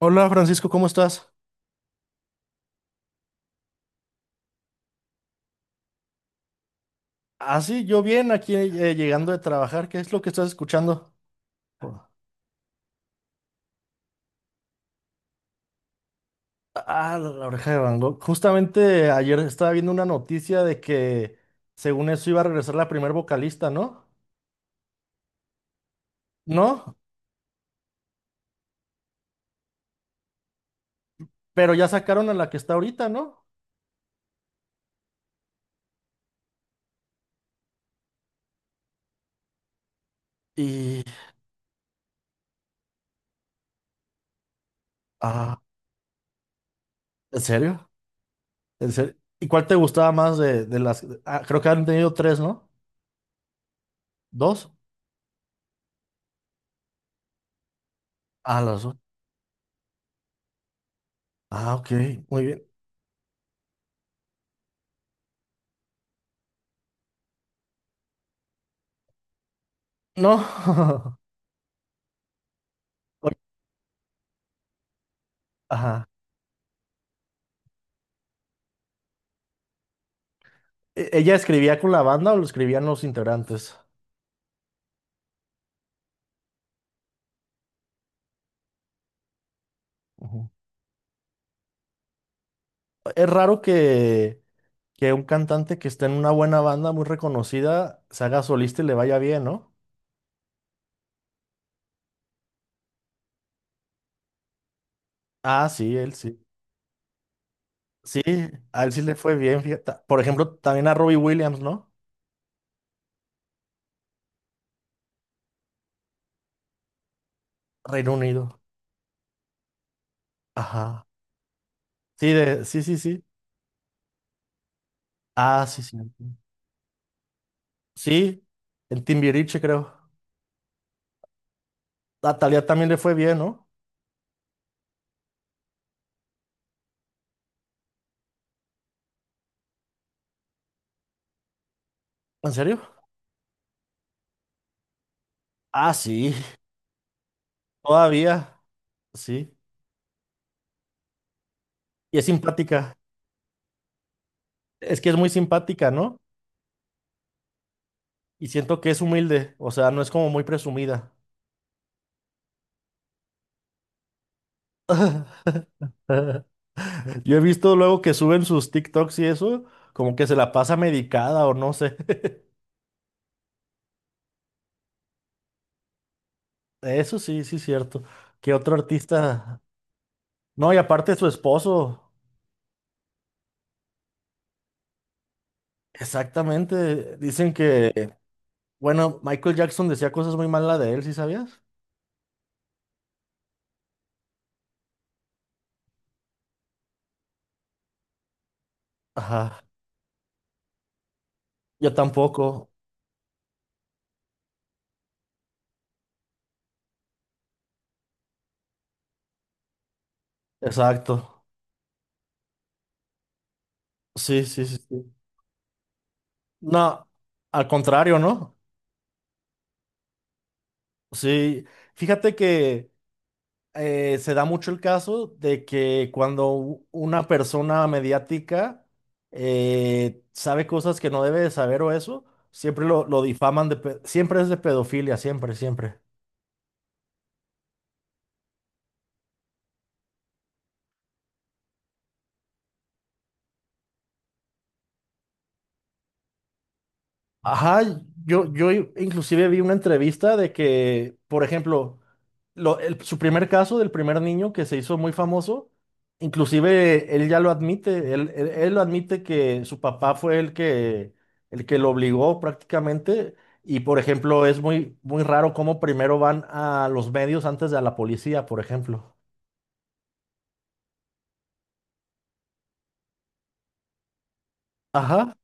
Hola Francisco, ¿cómo estás? Ah, sí, yo bien, aquí llegando de trabajar. ¿Qué es lo que estás escuchando? Ah, la oreja de Van Gogh. Justamente ayer estaba viendo una noticia de que según eso iba a regresar la primer vocalista, ¿no? No, pero ya sacaron a la que está ahorita, ¿no? Y... Ah, ¿en serio? ¿En serio? ¿Y cuál te gustaba más de las... Ah, creo que han tenido tres, ¿no? ¿Dos? Ah, las dos. Ah, ok, muy bien. No. Oye, ajá. ¿Ella escribía con la banda o lo escribían los integrantes? Ujú. Es raro que un cantante que está en una buena banda muy reconocida se haga solista y le vaya bien, ¿no? Ah, sí, él sí. Sí, a él sí le fue bien, fíjate. Por ejemplo, también a Robbie Williams, ¿no? Reino Unido. Ajá. Sí, de, sí, sí, sí. Ah, sí, sí. Sí, en Timbiriche, creo. A Thalía también le fue bien, ¿no? ¿En serio? Ah, sí. Todavía, sí. Y es simpática. Es que es muy simpática, ¿no? Y siento que es humilde, o sea, no es como muy presumida. Yo he visto luego que suben sus TikToks y eso, como que se la pasa medicada o no sé. Eso sí, sí es cierto. ¿Qué otro artista? No, y aparte su esposo. Exactamente. Dicen que, bueno, Michael Jackson decía cosas muy malas de él, ¿sí sabías? Ajá. Yo tampoco. Exacto. Sí, sí, sí, sí. No, al contrario, ¿no? Sí. Fíjate que se da mucho el caso de que cuando una persona mediática sabe cosas que no debe de saber o eso, siempre lo difaman de, siempre es de pedofilia, siempre, siempre. Ajá, yo inclusive vi una entrevista de que, por ejemplo, su primer caso del primer niño que se hizo muy famoso, inclusive él ya lo admite, él lo admite que su papá fue el que lo obligó prácticamente y, por ejemplo, es muy, muy raro cómo primero van a los medios antes de a la policía, por ejemplo. Ajá,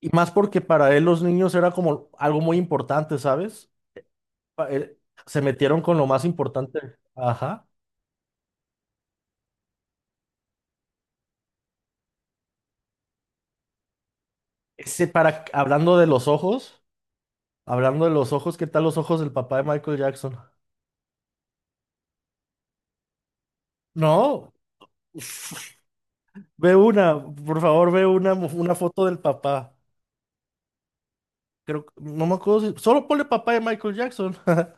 y más porque para él los niños era como algo muy importante, ¿sabes? Pa- él- Se metieron con lo más importante. Ajá. Ese para, hablando de los ojos, hablando de los ojos, ¿qué tal los ojos del papá de Michael Jackson? No, ve una, por favor, ve una, una foto del papá. Creo, no me acuerdo si, solo ponle papá de Michael Jackson.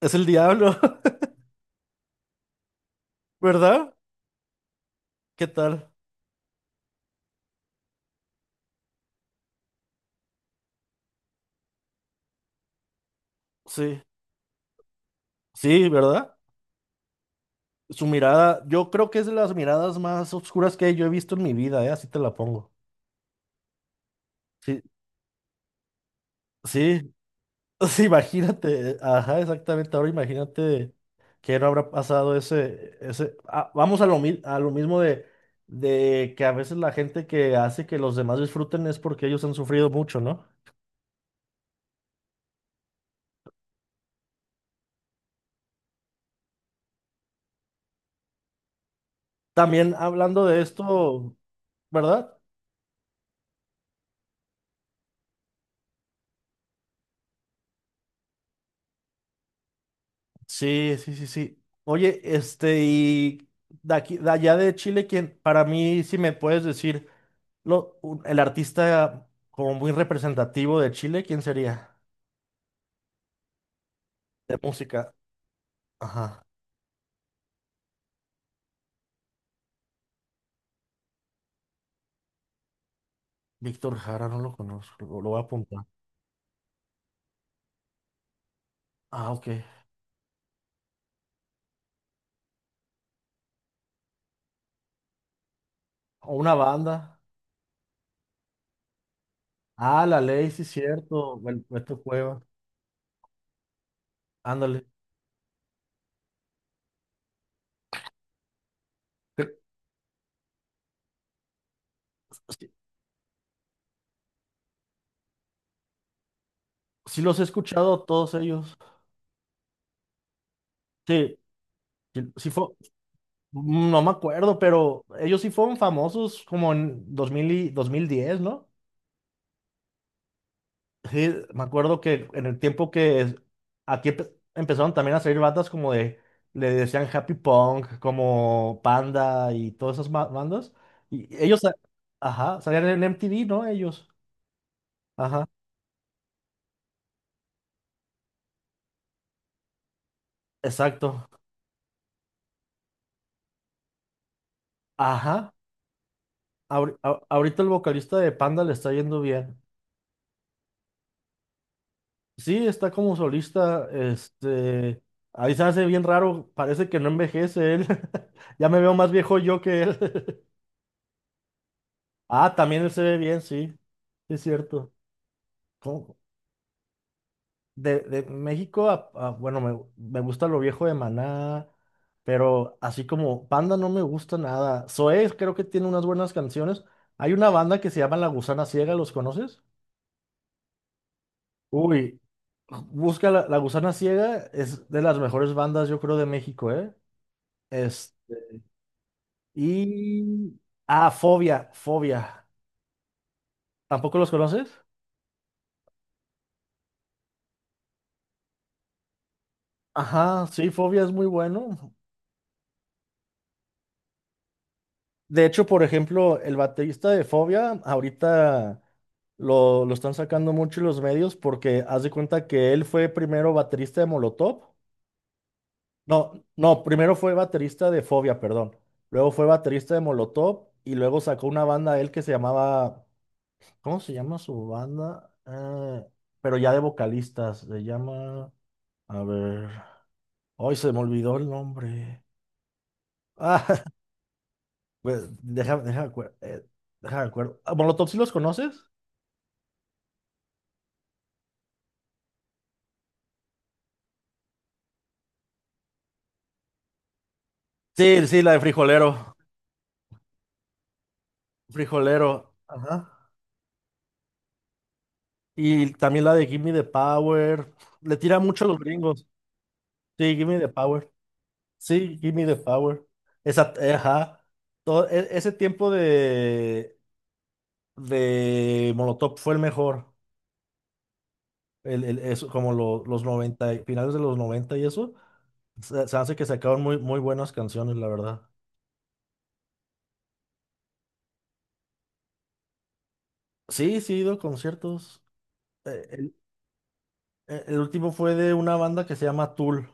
Es el diablo, ¿verdad? ¿Qué tal? Sí, sí, ¿verdad? Su mirada, yo creo que es de las miradas más oscuras que yo he visto en mi vida, ¿eh? Así te la pongo. Sí, sí, sí, imagínate, ajá, exactamente. Ahora imagínate que no habrá pasado ese, ese. Ah, vamos a lo, a lo mismo de que a veces la gente que hace que los demás disfruten es porque ellos han sufrido mucho, ¿no? También hablando de esto, ¿verdad? Sí, sí, sí, sí. Oye, este, y de aquí, de allá de Chile, quien para mí, si me puedes decir, el artista como muy representativo de Chile, ¿quién sería? De música. Ajá. Víctor Jara, no lo conozco, lo voy a apuntar. Ah, ok. O una banda. Ah, La Ley, sí, cierto. El Beto Cueva. Ándale. Cre- Sí, sí los he escuchado a todos ellos. Sí, sí, sí fue, no me acuerdo, pero ellos sí fueron famosos como en 2000 y 2010, ¿no? Sí, me acuerdo que en el tiempo aquí empezaron también a salir bandas como de, le decían Happy Punk, como Panda y todas esas bandas. Y ellos, ajá, salían en MTV, ¿no? Ellos, ajá, exacto, ajá. Ahorita el vocalista de Panda le está yendo bien. Sí, está como solista, este, ahí se hace bien raro, parece que no envejece él. Ya me veo más viejo yo que él. Ah, también él se ve bien, sí, sí es cierto. ¿Cómo? De México, bueno, me gusta lo viejo de Maná, pero así como banda no me gusta nada. Zoé creo que tiene unas buenas canciones. Hay una banda que se llama La Gusana Ciega, ¿los conoces? Uy, busca La Gusana Ciega, es de las mejores bandas, yo creo, de México, ¿eh? Es, y... Ah, Fobia. ¿Tampoco los conoces? Ajá, sí, Fobia es muy bueno. De hecho, por ejemplo, el baterista de Fobia ahorita lo están sacando mucho los medios porque haz de cuenta que él fue primero baterista de Molotov. No, no, primero fue baterista de Fobia, perdón. Luego fue baterista de Molotov y luego sacó una banda él que se llamaba, ¿cómo se llama su banda? Pero ya de vocalistas, se llama, a ver, hoy se me olvidó el nombre. Ah, pues déjame acuerdo. Ah, ¿Molotov sí los conoces? Sí, sí, la de Frijolero. Frijolero. Ajá. Y también la de Gimme the Power. Le tira mucho a los gringos. Sí, Gimme the Power. Sí, Gimme the Power. Esa, ajá. Todo, ese tiempo de Molotov fue el mejor. Eso, como los 90 finales de los 90 y eso. Se hace que sacaron muy, muy buenas canciones, la verdad. Sí, sí, he ido a conciertos. Eh, El, el último fue de una banda que se llama Tool.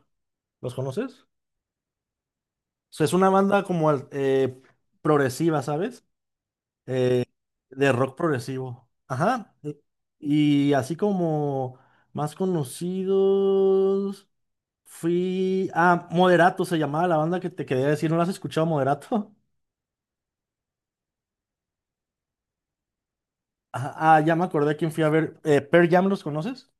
¿Los conoces? O sea, es una banda como progresiva, ¿sabes? eh, de rock progresivo. Ajá. Y así como más conocidos, fui a Moderato, se llamaba la banda que te quería decir, ¿no la has escuchado, Moderato? Ya me acordé a quién fui a ver. Pearl Jam, ¿los conoces?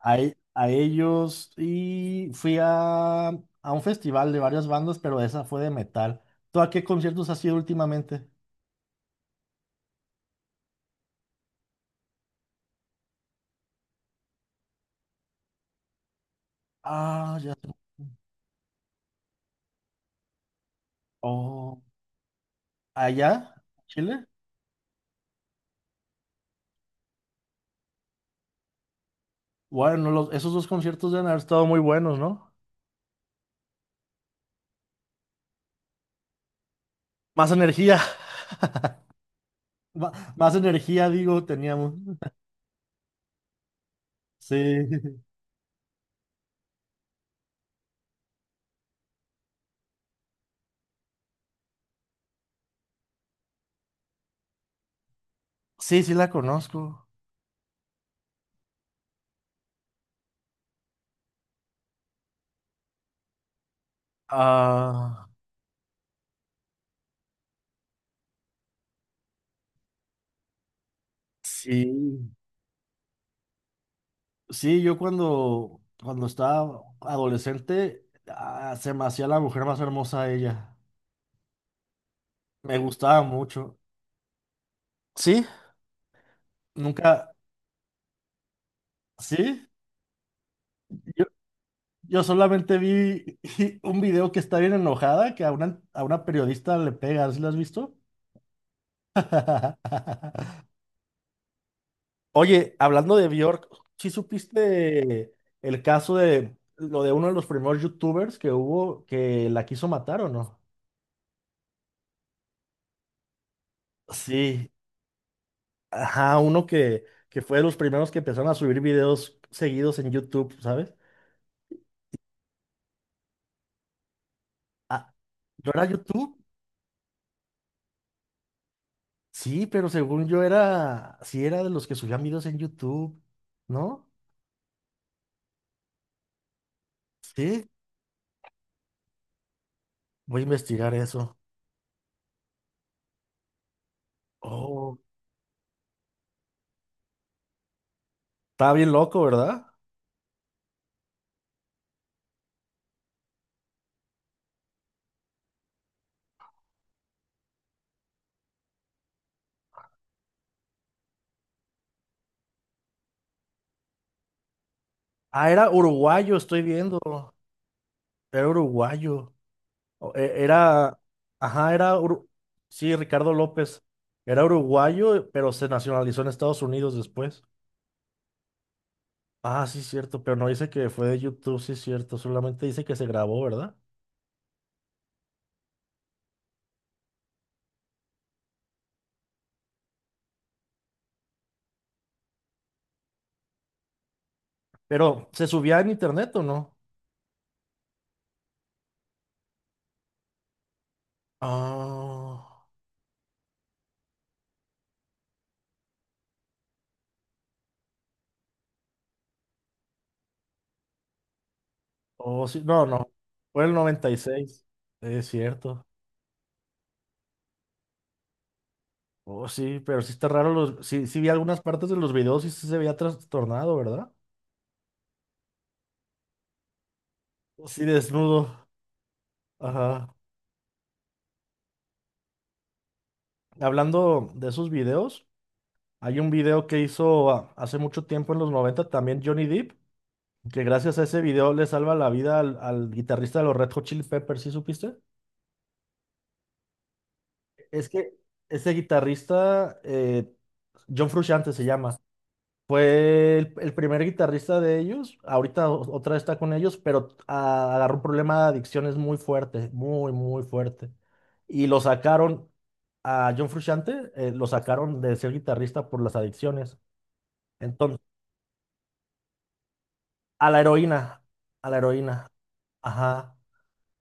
A, a ellos y a un festival de varias bandas, pero esa fue de metal. ¿Tú a qué conciertos has ido últimamente? Ah, ya. Sé. Oh, ¿allá? ¿Chile? Bueno, esos dos conciertos deben haber estado muy buenos, ¿no? Más energía, ma- más energía, digo, teníamos. Sí, sí, sí la conozco. Ah, sí. Sí, cuando estaba adolescente, ah, se me hacía la mujer más hermosa ella. Me gustaba mucho. ¿Sí? Nunca, ¿sí? Yo, yo solamente vi un video que está bien enojada, que a a una periodista le pega, ¿sí lo has visto? Oye, hablando de Bjork, ¿sí supiste el caso de lo de uno de los primeros youtubers que hubo que la quiso matar o no? Sí, ajá, uno que fue de los primeros que empezaron a subir videos seguidos en YouTube, ¿sabes? Ah, ¿no era YouTube? Sí, pero según yo era, sí era de los que subían videos en YouTube, ¿no? Sí, voy a investigar eso. Oh, estaba bien loco, ¿verdad? Ah, era uruguayo, estoy viendo. Era uruguayo. Era, ajá, sí, Ricardo López. Era uruguayo, pero se nacionalizó en Estados Unidos después. Ah, sí, cierto, pero no dice que fue de YouTube, sí, cierto. Solamente dice que se grabó, ¿verdad? Pero, ¿se subía en internet o no? Ah, oh, sí, no, no. Fue el 96, es cierto. Oh, sí, pero sí está raro. Los, sí, sí vi algunas partes de los videos y sí se veía trastornado, ¿verdad? Sí, desnudo. Ajá. Hablando de esos videos. Hay un video que hizo ah, hace mucho tiempo en los 90 también Johnny Depp, que gracias a ese video le salva la vida al guitarrista de los Red Hot Chili Peppers, ¿sí supiste? Es que ese guitarrista, John Frusciante se llama, fue el primer guitarrista de ellos, ahorita otra vez está con ellos, pero ah, agarró un problema de adicciones muy fuerte, muy, muy fuerte. Y lo sacaron a John Frusciante, lo sacaron de ser guitarrista por las adicciones. Entonces a la heroína, a la heroína, ajá.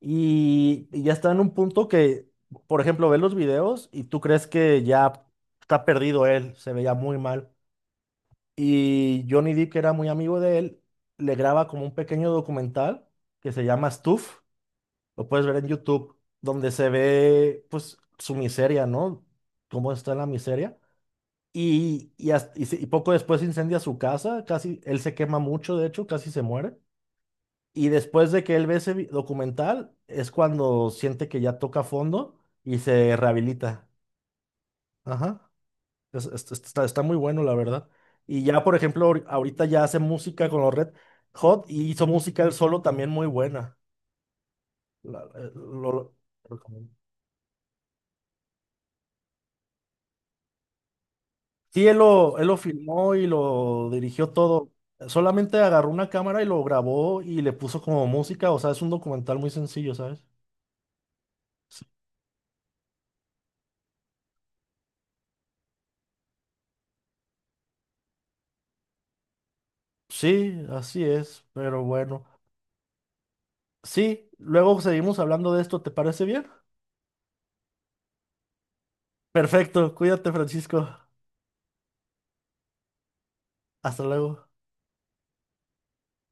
Y ya está en un punto que, por ejemplo, ves los videos y tú crees que ya está perdido él, se veía muy mal. Y Johnny Depp, que era muy amigo de él, le graba como un pequeño documental que se llama Stuff, lo puedes ver en YouTube, donde se ve pues su miseria, ¿no? Cómo está en la miseria. Y poco después incendia su casa, casi, él se quema mucho, de hecho, casi se muere. Y después de que él ve ese documental, es cuando siente que ya toca fondo y se rehabilita. Ajá. Está muy bueno, la verdad. Y ya, por ejemplo, ahorita ya hace música con los Red Hot y hizo música él solo también muy buena. La- eh, lo- Recomiendo. Sí, él lo filmó y lo dirigió todo. Solamente agarró una cámara y lo grabó y le puso como música. O sea, es un documental muy sencillo, ¿sabes? Sí, así es, pero bueno. Sí, luego seguimos hablando de esto, ¿te parece bien? Perfecto, cuídate, Francisco. Hasta luego.